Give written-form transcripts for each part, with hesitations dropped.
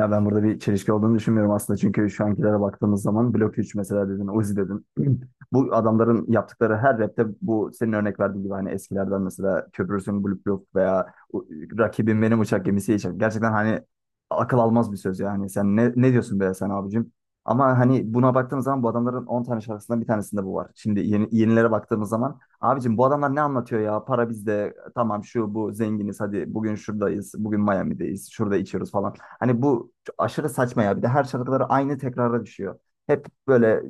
Ya ben burada bir çelişki olduğunu düşünmüyorum aslında. Çünkü şu ankilere baktığımız zaman Blok 3 mesela dedin, Uzi dedin. Bu adamların yaptıkları her rapte bu senin örnek verdiğin gibi hani eskilerden mesela Köprüsün Blok Blok veya u- Rakibim Benim Uçak Gemisi için. Gerçekten hani akıl almaz bir söz ya hani sen ne diyorsun be sen abicim? Ama hani buna baktığımız zaman bu adamların 10 tane şarkısından bir tanesinde bu var. Şimdi yenilere baktığımız zaman abicim bu adamlar ne anlatıyor ya? Para bizde, tamam, şu bu zenginiz, hadi bugün şuradayız, bugün Miami'deyiz, şurada içiyoruz falan. Hani bu çok aşırı saçma ya. Bir de her şarkıları aynı tekrara düşüyor. Hep böyle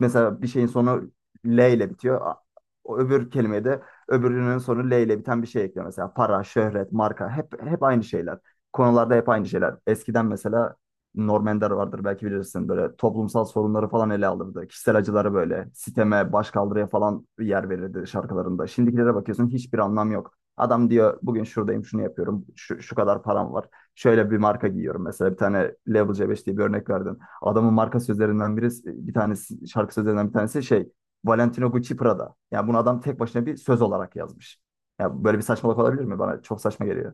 mesela bir şeyin sonu L ile bitiyor. O öbür kelimeye de öbürünün sonu L ile biten bir şey ekliyor. Mesela para, şöhret, marka hep aynı şeyler. Konularda hep aynı şeyler. Eskiden mesela Norm Ender vardır, belki bilirsin. Böyle toplumsal sorunları falan ele alırdı. Kişisel acıları, böyle siteme, başkaldırıya falan yer verirdi şarkılarında. Şimdikilere bakıyorsun, hiçbir anlam yok. Adam diyor bugün şuradayım, şunu yapıyorum. Şu kadar param var, şöyle bir marka giyiyorum mesela. Bir tane Level C5 diye bir örnek verdin. Adamın marka sözlerinden birisi, bir tanesi, şarkı sözlerinden bir tanesi şey, Valentino Gucci Prada. Yani bunu adam tek başına bir söz olarak yazmış. Ya böyle bir saçmalık olabilir mi? Bana çok saçma geliyor.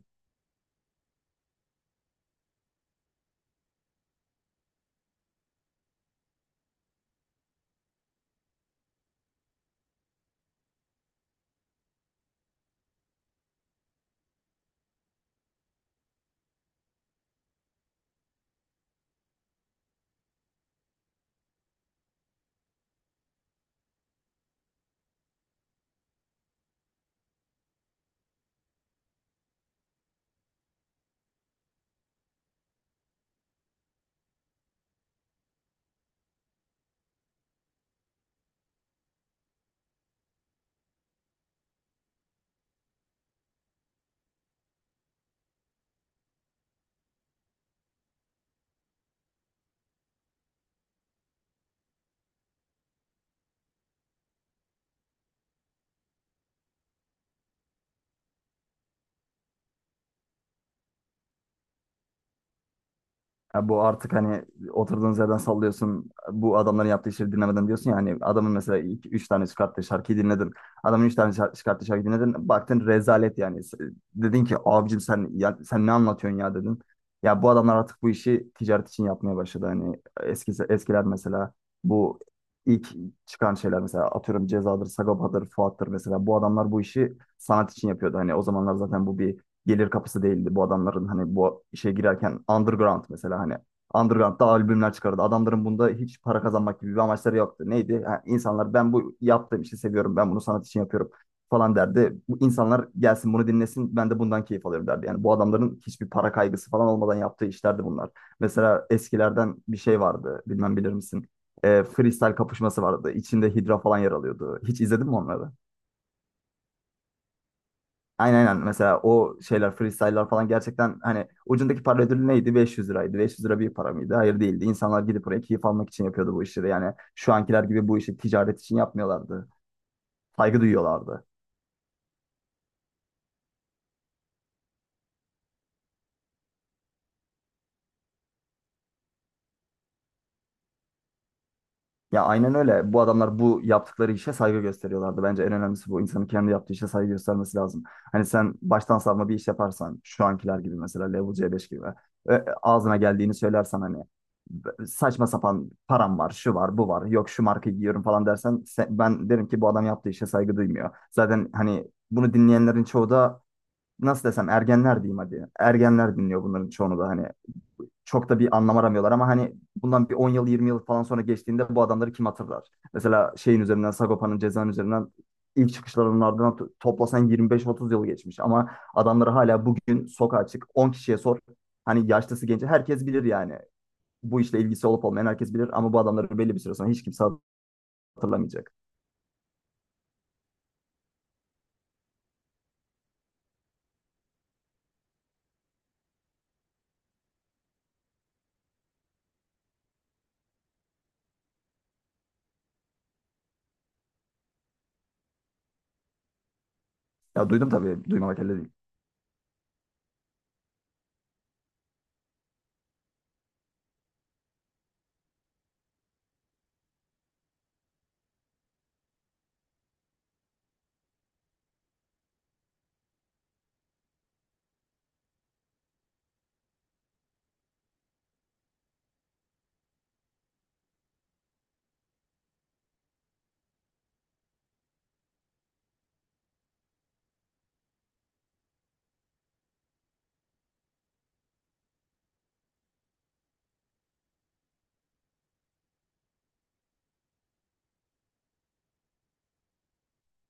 Ya bu artık hani oturduğunuz yerden sallıyorsun. Bu adamların yaptığı işleri dinlemeden diyorsun ya, hani adamın mesela iki, üç tane çıkarttığı şarkıyı dinledin. Adamın üç tane çıkarttığı şarkıyı dinledin. Baktın rezalet yani. Dedin ki abicim sen ya, sen ne anlatıyorsun ya dedin. Ya bu adamlar artık bu işi ticaret için yapmaya başladı. Hani eskiler mesela, bu ilk çıkan şeyler mesela, atıyorum Ceza'dır, Sagopa'dır, Fuat'tır mesela. Bu adamlar bu işi sanat için yapıyordu. Hani o zamanlar zaten bu bir gelir kapısı değildi bu adamların. Hani bu işe girerken underground mesela, hani underground'da albümler çıkardı. Adamların bunda hiç para kazanmak gibi bir amaçları yoktu. Neydi? Ha, insanlar, ben bu yaptığım işi seviyorum, ben bunu sanat için yapıyorum falan derdi. Bu insanlar gelsin bunu dinlesin, ben de bundan keyif alıyorum derdi. Yani bu adamların hiçbir para kaygısı falan olmadan yaptığı işlerdi bunlar. Mesela eskilerden bir şey vardı, bilmem bilir misin? Freestyle kapışması vardı. İçinde Hidra falan yer alıyordu. Hiç izledin mi onları? Aynen aynen. Mesela o şeyler, freestyle'lar falan, gerçekten hani ucundaki para ödülü neydi? 500 liraydı. 500 lira bir para mıydı? Hayır, değildi. İnsanlar gidip oraya keyif almak için yapıyordu bu işleri. Yani şu ankiler gibi bu işi ticaret için yapmıyorlardı. Saygı duyuyorlardı. Ya aynen öyle. Bu adamlar bu yaptıkları işe saygı gösteriyorlardı. Bence en önemlisi bu. İnsanın kendi yaptığı işe saygı göstermesi lazım. Hani sen baştan savma bir iş yaparsan, şu ankiler gibi mesela Level C5 gibi ağzına geldiğini söylersen, hani saçma sapan param var, şu var, bu var, yok şu markayı giyiyorum falan dersen, se- ben derim ki bu adam yaptığı işe saygı duymuyor. Zaten hani bunu dinleyenlerin çoğu da, nasıl desem, ergenler diyeyim hadi. Ergenler dinliyor bunların çoğunu da, hani çok da bir anlam aramıyorlar, ama hani bundan bir 10 yıl 20 yıl falan sonra geçtiğinde bu adamları kim hatırlar? Mesela şeyin üzerinden, Sagopa'nın, cezanın üzerinden ilk çıkışlarının ardından toplasan 25-30 yıl geçmiş, ama adamları hala bugün sokağa çık, 10 kişiye sor, hani yaşlısı genci herkes bilir yani, bu işle ilgisi olup olmayan herkes bilir, ama bu adamları belli bir süre sonra hiç kimse hatırlamayacak. Ya duydum tabii, duymamak elde değil.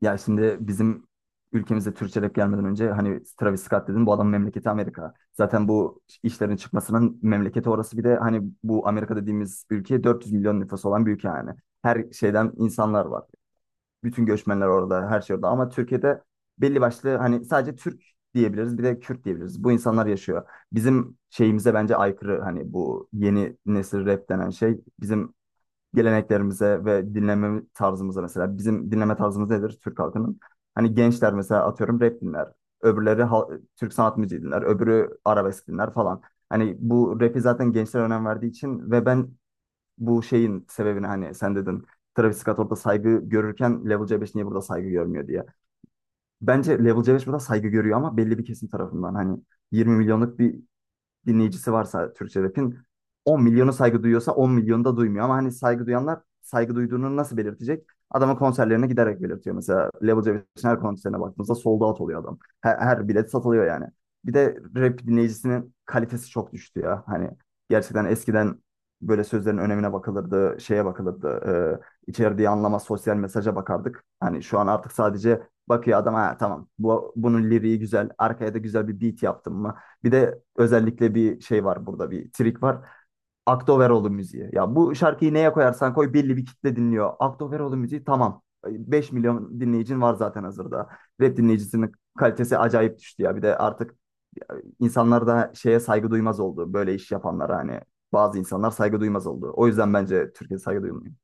Ya şimdi bizim ülkemizde Türkçe rap gelmeden önce, hani Travis Scott dedin, bu adamın memleketi Amerika. Zaten bu işlerin çıkmasının memleketi orası, bir de hani bu Amerika dediğimiz ülke 400 milyon nüfusu olan bir ülke yani. Her şeyden insanlar var. Bütün göçmenler orada, her şey orada. Ama Türkiye'de belli başlı, hani sadece Türk diyebiliriz, bir de Kürt diyebiliriz. Bu insanlar yaşıyor. Bizim şeyimize bence aykırı hani bu yeni nesil rap denen şey bizim geleneklerimize ve dinleme tarzımıza. Mesela bizim dinleme tarzımız nedir Türk halkının? Hani gençler mesela atıyorum rap dinler. Öbürleri Türk sanat müziği dinler. Öbürü arabesk dinler falan. Hani bu rap'i zaten gençler önem verdiği için, ve ben bu şeyin sebebini, hani sen dedin Travis Scott orada saygı görürken Level C5 niye burada saygı görmüyor diye. Bence Level C5 burada saygı görüyor, ama belli bir kesim tarafından. Hani 20 milyonluk bir dinleyicisi varsa Türkçe rap'in, 10 milyonu saygı duyuyorsa 10 milyonu da duymuyor. Ama hani saygı duyanlar saygı duyduğunu nasıl belirtecek? Adamın konserlerine giderek belirtiyor. Mesela Level Cebesi'nin her konserine baktığımızda sold out oluyor adam. Her bilet satılıyor yani. Bir de rap dinleyicisinin kalitesi çok düştü ya. Hani gerçekten eskiden böyle sözlerin önemine bakılırdı, şeye bakılırdı. İçerdiği anlama, sosyal mesaja bakardık. Hani şu an artık sadece bakıyor adam, ha tamam, bunun liriği güzel, arkaya da güzel bir beat yaptım mı? Bir de özellikle bir şey var burada, bir trik var. Aktoveroğlu müziği. Ya bu şarkıyı neye koyarsan koy belli bir kitle dinliyor. Aktoveroğlu müziği, tamam, 5 milyon dinleyicin var zaten hazırda. Rap dinleyicisinin kalitesi acayip düştü ya. Bir de artık insanlar da şeye saygı duymaz oldu. Böyle iş yapanlara hani bazı insanlar saygı duymaz oldu. O yüzden bence Türkiye saygı duymuyor.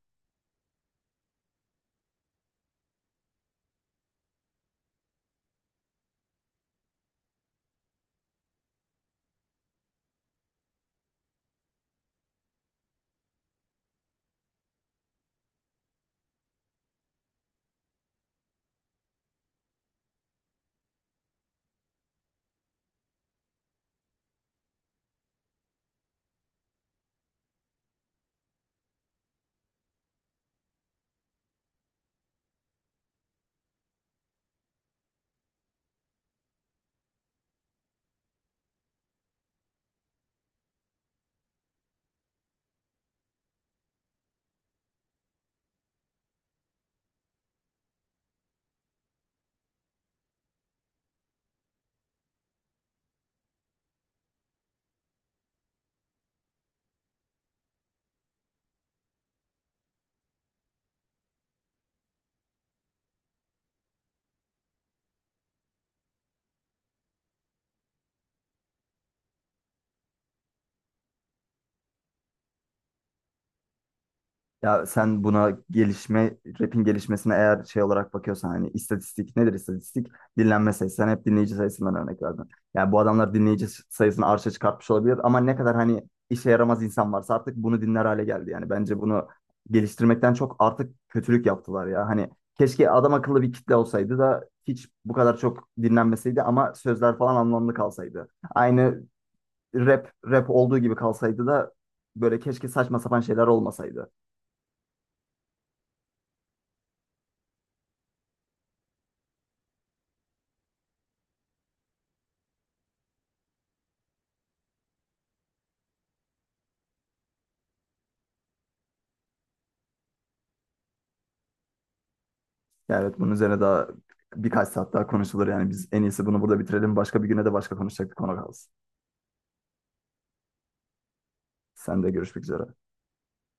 Ya sen buna gelişme, rap'in gelişmesine eğer şey olarak bakıyorsan, hani istatistik nedir istatistik? Dinlenme sayısı. Sen hep dinleyici sayısından örnek verdin. Yani bu adamlar dinleyici sayısını arşa çıkartmış olabilir, ama ne kadar hani işe yaramaz insan varsa artık bunu dinler hale geldi. Yani bence bunu geliştirmekten çok artık kötülük yaptılar ya. Hani keşke adam akıllı bir kitle olsaydı da hiç bu kadar çok dinlenmeseydi, ama sözler falan anlamlı kalsaydı. Aynı rap rap olduğu gibi kalsaydı da böyle keşke saçma sapan şeyler olmasaydı. Yani evet, bunun üzerine daha birkaç saat daha konuşulur yani, biz en iyisi bunu burada bitirelim. Başka bir güne de başka konuşacak bir konu kalsın. Sen de görüşmek üzere.